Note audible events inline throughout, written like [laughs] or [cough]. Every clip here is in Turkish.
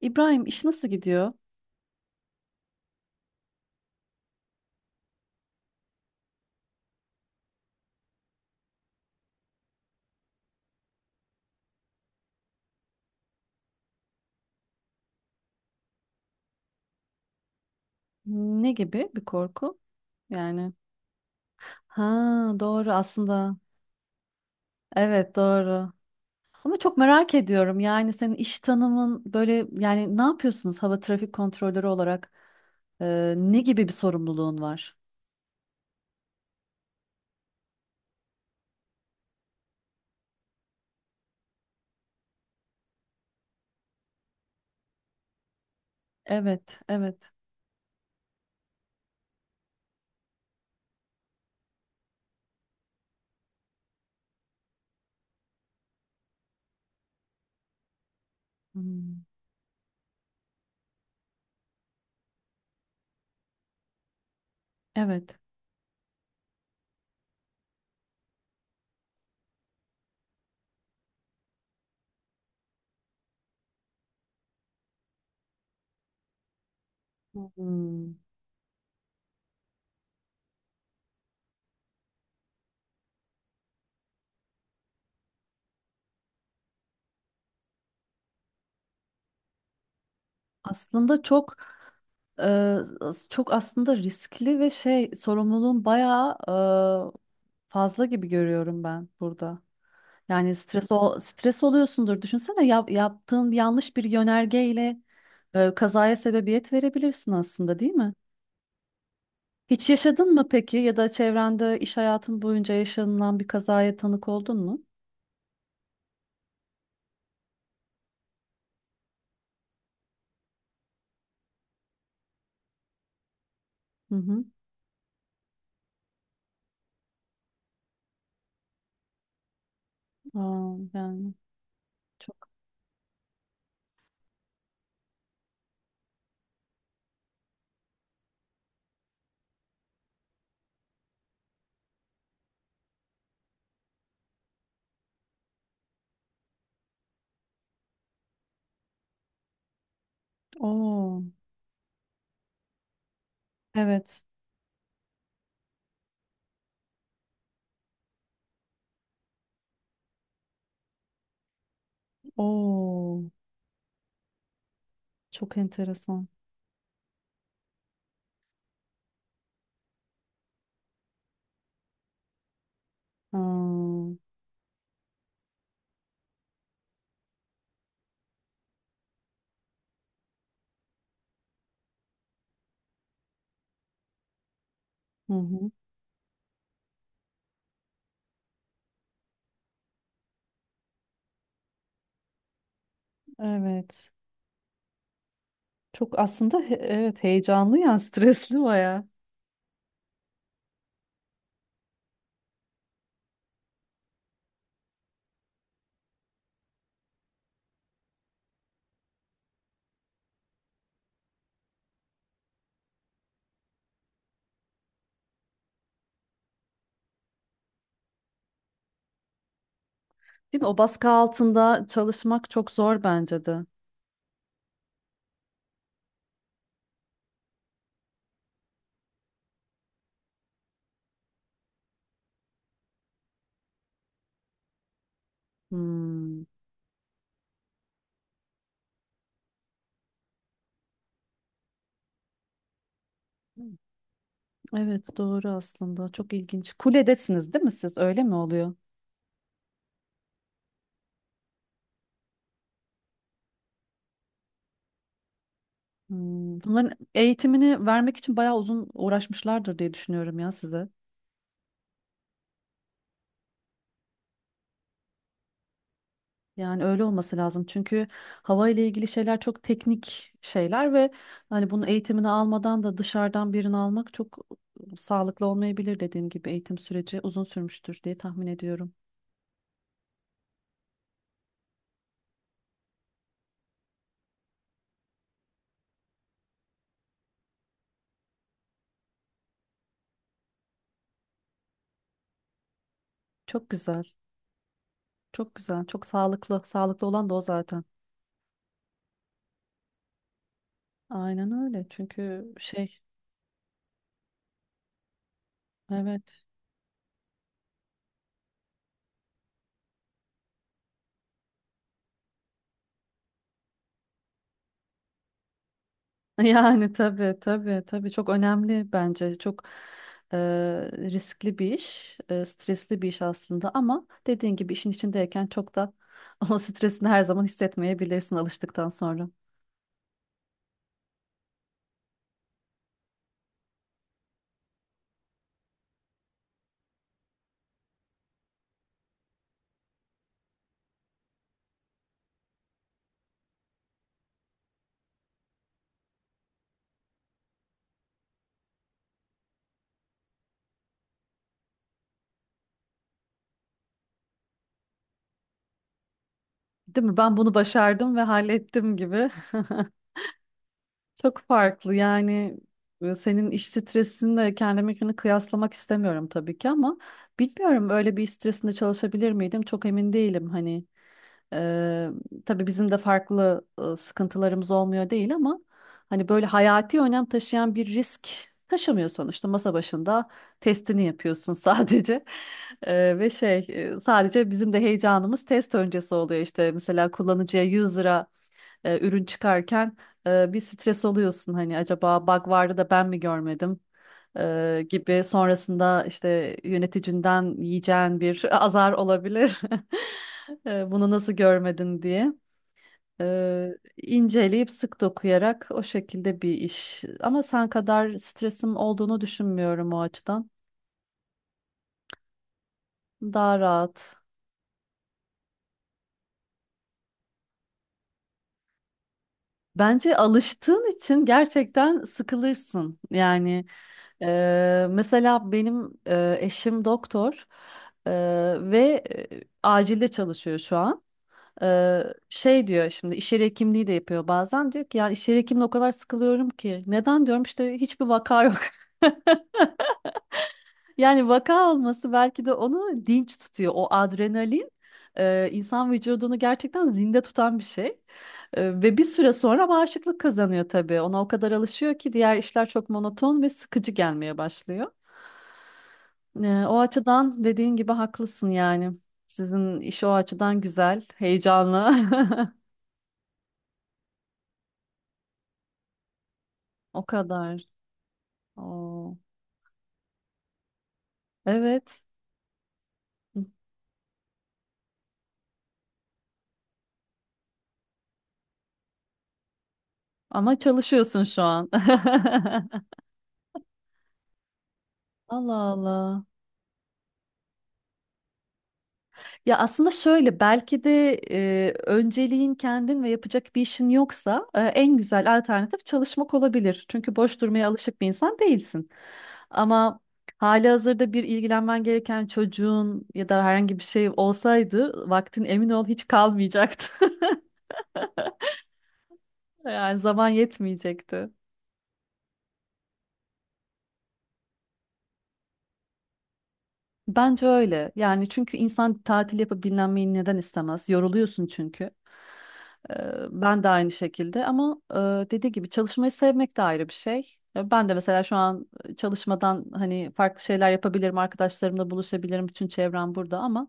İbrahim, iş nasıl gidiyor? Ne gibi bir korku? Yani, ha, doğru aslında. Evet, doğru. Ama çok merak ediyorum, yani senin iş tanımın böyle, yani ne yapıyorsunuz hava trafik kontrolörü olarak? Ne gibi bir sorumluluğun var? Evet, evet. Hmm, evet. Hmm. Aslında çok e, çok aslında riskli ve şey, sorumluluğun bayağı fazla gibi görüyorum ben burada. Yani stres oluyorsundur. Düşünsene, yaptığın yanlış bir yönergeyle kazaya sebebiyet verebilirsin aslında, değil mi? Hiç yaşadın mı peki ya da çevrende iş hayatın boyunca yaşanılan bir kazaya tanık oldun mu? Hı hı. Aa, yani çok. Oo, evet. Oo, çok enteresan. Aa, hı hı. Evet. Çok aslında evet, heyecanlı yani [laughs] stresli bayağı. Değil mi? O baskı altında çalışmak çok zor bence de. Hmm. Evet, doğru aslında. Çok ilginç. Kuledesiniz değil mi siz? Öyle mi oluyor? Hmm. Bunların eğitimini vermek için bayağı uzun uğraşmışlardır diye düşünüyorum ya size. Yani öyle olması lazım. Çünkü hava ile ilgili şeyler çok teknik şeyler ve hani bunun eğitimini almadan da dışarıdan birini almak çok sağlıklı olmayabilir, dediğim gibi eğitim süreci uzun sürmüştür diye tahmin ediyorum. Çok güzel. Çok güzel. Çok sağlıklı. Sağlıklı olan da o zaten. Aynen öyle. Çünkü şey, evet. [laughs] Yani tabii, tabii, tabii, çok önemli bence, çok e, riskli bir iş, stresli bir iş aslında ama dediğin gibi işin içindeyken çok da [laughs] o stresini her zaman hissetmeyebilirsin alıştıktan sonra. Değil mi? Ben bunu başardım ve hallettim gibi. [laughs] Çok farklı yani, senin iş stresinle kendimkini kıyaslamak istemiyorum tabii ki ama bilmiyorum, öyle bir iş stresinde çalışabilir miydim çok emin değilim hani. Eee tabii bizim de farklı sıkıntılarımız olmuyor değil ama hani böyle hayati önem taşıyan bir risk taşımıyor sonuçta. Masa başında testini yapıyorsun sadece. [laughs] Ve şey, sadece bizim de heyecanımız test öncesi oluyor işte. Mesela kullanıcıya 100 lira ürün çıkarken bir stres oluyorsun, hani acaba bug vardı da ben mi görmedim gibi, sonrasında işte yöneticinden yiyeceğin bir [laughs] azar olabilir. [laughs] Bunu nasıl görmedin diye. E, inceleyip sık dokuyarak o şekilde bir iş. Ama sen kadar stresim olduğunu düşünmüyorum o açıdan. Daha rahat. Bence alıştığın için gerçekten sıkılırsın. Yani, mesela benim eşim doktor, e, ve acilde çalışıyor şu an. E, Şey diyor, şimdi iş yeri hekimliği de yapıyor, bazen diyor ki ya iş yeri hekimliği o kadar sıkılıyorum ki. Neden diyorum, işte hiçbir vaka yok. [laughs] Yani vaka olması belki de onu dinç tutuyor. O adrenalin insan vücudunu gerçekten zinde tutan bir şey. Ve bir süre sonra bağışıklık kazanıyor tabii. Ona o kadar alışıyor ki diğer işler çok monoton ve sıkıcı gelmeye başlıyor. O açıdan dediğin gibi haklısın yani. Sizin iş o açıdan güzel, heyecanlı. [laughs] O kadar. Oo. Evet. Ama çalışıyorsun şu an. [laughs] Allah Allah. Ya aslında şöyle, belki de önceliğin kendin ve yapacak bir işin yoksa, en güzel alternatif çalışmak olabilir. Çünkü boş durmaya alışık bir insan değilsin. Ama halihazırda bir ilgilenmen gereken çocuğun ya da herhangi bir şey olsaydı vaktin emin ol hiç kalmayacaktı. [laughs] Yani zaman yetmeyecekti. Bence öyle. Yani çünkü insan tatil yapıp dinlenmeyi neden istemez? Yoruluyorsun çünkü. Ee, Ben de aynı şekilde ama dediği gibi çalışmayı sevmek de ayrı bir şey. Ben de mesela şu an çalışmadan hani farklı şeyler yapabilirim, arkadaşlarımla buluşabilirim, bütün çevrem burada ama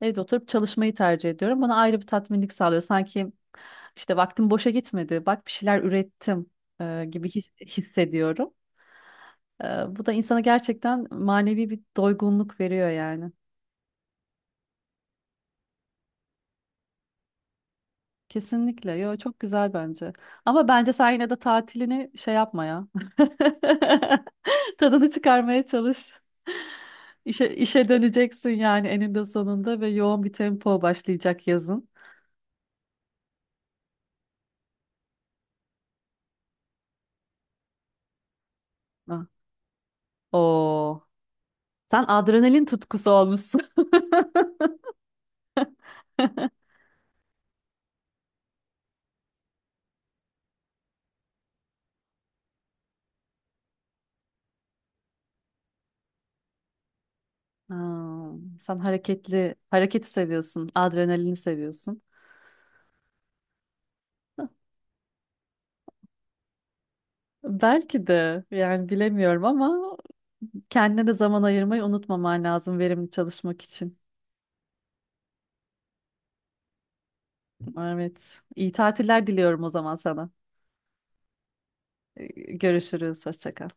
evde oturup çalışmayı tercih ediyorum. Bana ayrı bir tatminlik sağlıyor. Sanki işte vaktim boşa gitmedi, bak bir şeyler ürettim gibi hissediyorum. E, Bu da insana gerçekten manevi bir doygunluk veriyor yani. Kesinlikle. Yo, çok güzel bence. Ama bence sen yine de tatilini şey yapma ya. [laughs] Tadını çıkarmaya çalış. İşe döneceksin yani eninde sonunda ve yoğun bir tempo başlayacak yazın. Ah. Oo. Sen adrenalin tutkusu olmuşsun. [laughs] Hmm, sen hareketli, hareketi seviyorsun, adrenalini seviyorsun. Belki de, yani bilemiyorum ama kendine de zaman ayırmayı unutmaman lazım verimli çalışmak için. Evet. İyi tatiller diliyorum o zaman sana. Ee, Görüşürüz. Hoşça kal.